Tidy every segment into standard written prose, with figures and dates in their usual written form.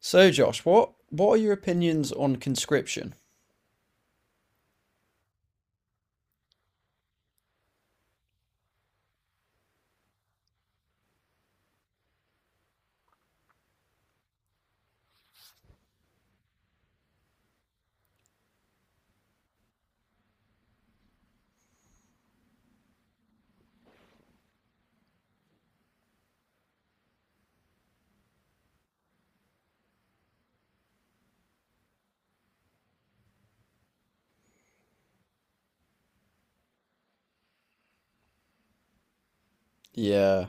So, Josh, what are your opinions on conscription? Yeah.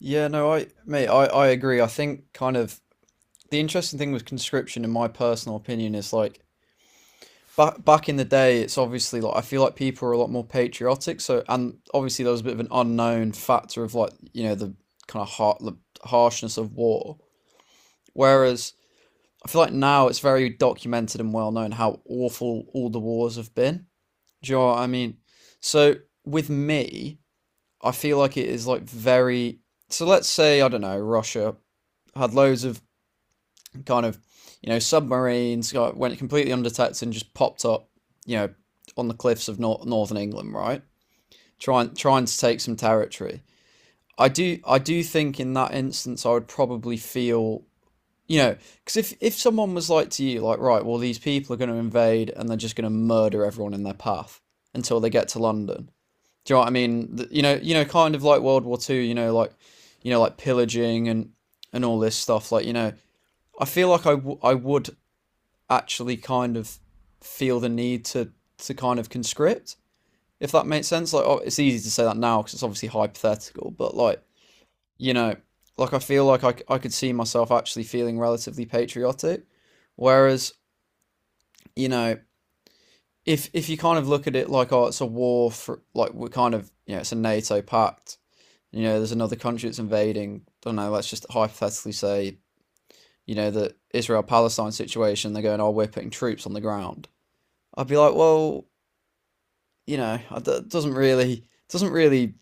Yeah, no, I mate, I agree. I think kind of the interesting thing with conscription, in my personal opinion, is like back in the day. It's obviously like I feel like people are a lot more patriotic. So and obviously there was a bit of an unknown factor of like you know the kind of har the harshness of war. Whereas I feel like now it's very documented and well known how awful all the wars have been. Do you know what I mean? So with me, I feel like it is like very. So let's say, I don't know, Russia had loads of kind of you know submarines, went completely undetected and just popped up you know on the cliffs of northern England, right, trying to take some territory. I do think in that instance I would probably feel, you know, because if someone was like to you like, right, well, these people are going to invade and they're just going to murder everyone in their path until they get to London, do you know what I mean? You know, kind of like World War Two. You know, like pillaging and all this stuff. Like, you know, I feel like I would actually kind of feel the need to kind of conscript, if that makes sense. Like, oh, it's easy to say that now because it's obviously hypothetical, but like, you know, like I feel like I could see myself actually feeling relatively patriotic, whereas you know. If you kind of look at it like, oh, it's a war for like we're kind of you know it's a NATO pact, you know, there's another country that's invading. I don't know, let's just hypothetically say, you know, the Israel Palestine situation, they're going, oh, we're putting troops on the ground. I'd be like, well, you know, it doesn't really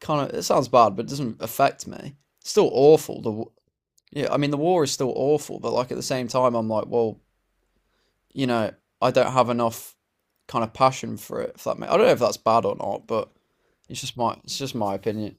kind of, it sounds bad, but it doesn't affect me. It's still awful. The, yeah, I mean, the war is still awful, but like at the same time, I'm like, well, you know, I don't have enough kind of passion for it. If I don't know if that's bad or not, but it's just it's just my opinion.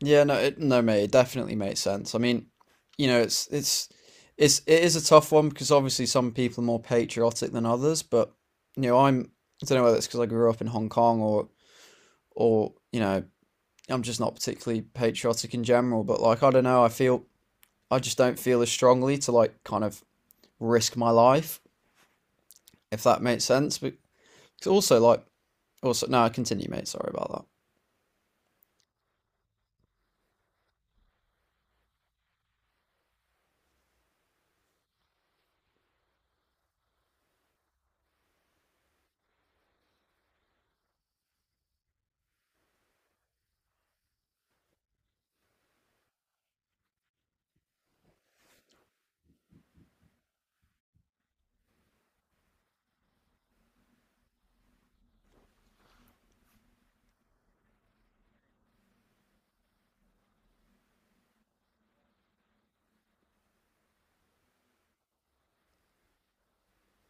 Yeah, no, it, no, mate, it definitely makes sense. I mean, you know, it's it's it is a tough one because obviously some people are more patriotic than others, but you know, I'm I don't know whether it's because I grew up in Hong Kong or you know, I'm just not particularly patriotic in general, but like I don't know, I feel I just don't feel as strongly to like kind of risk my life, if that makes sense. But it's also like also no, continue, mate. Sorry about that.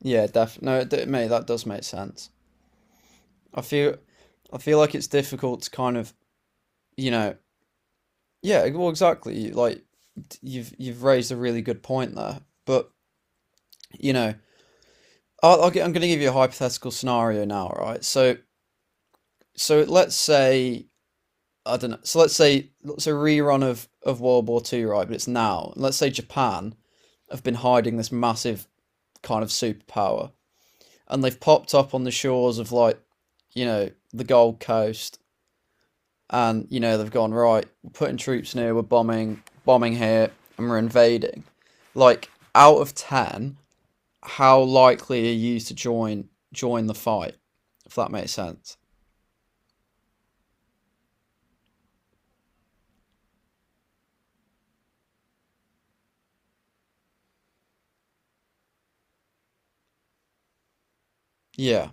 Yeah, def no, mate, that does make sense. I feel I feel like it's difficult to kind of you know, yeah, e, well, exactly. Like you've raised a really good point there. But you know, I'm going to give you a hypothetical scenario now, right? So let's say, I don't know. So let's say it's a rerun of World War Two, right? But it's now. Let's say Japan have been hiding this massive kind of superpower, and they've popped up on the shores of like you know the Gold Coast, and you know they've gone, right, we're putting troops near. We're bombing here, and we're invading. Like, out of ten, how likely are you to join the fight? If that makes sense. Yeah.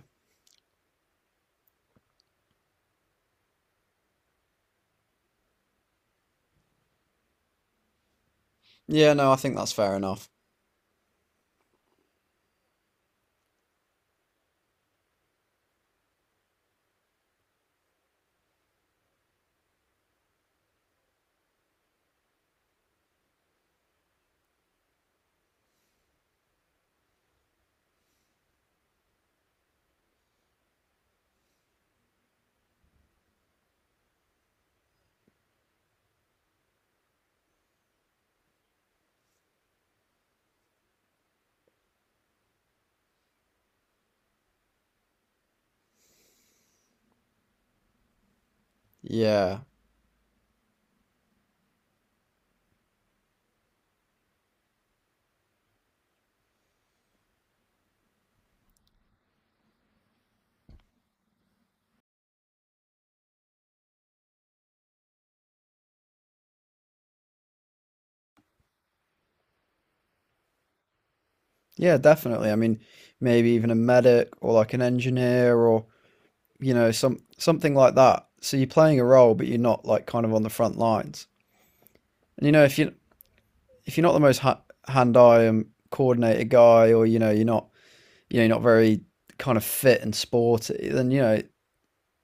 Yeah. No, I think that's fair enough. Yeah. Yeah, definitely. I mean, maybe even a medic or like an engineer or you know some something like that. So you're playing a role, but you're not like kind of on the front lines. And you know, if you if you're not the most hand-eye and coordinated guy, or you know, you're not you know, you're not very kind of fit and sporty, then you know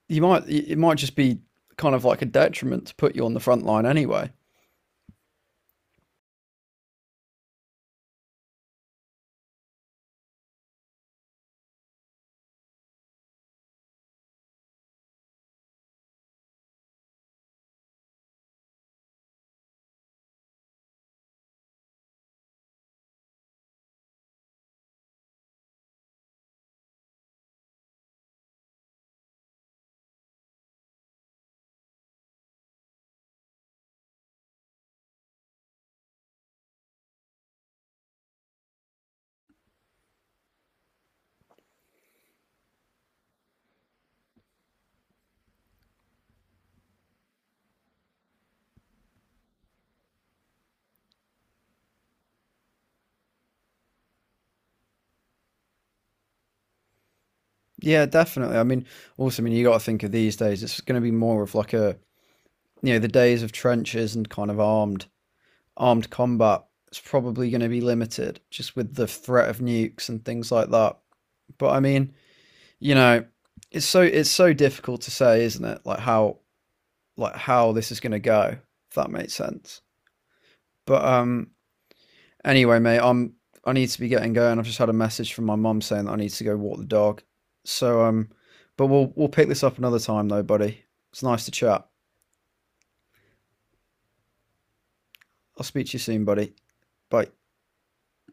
you might it might just be kind of like a detriment to put you on the front line anyway. Yeah, definitely. I mean, also, I mean, you got to think of these days. It's going to be more of like a you know the days of trenches and kind of armed combat. It's probably going to be limited just with the threat of nukes and things like that. But I mean, you know, it's so difficult to say, isn't it? Like how this is going to go. If that makes sense. But anyway, mate, I'm I need to be getting going. I've just had a message from my mum saying that I need to go walk the dog. So but we'll pick this up another time though, buddy. It's nice to chat. I'll speak to you soon, buddy. Bye.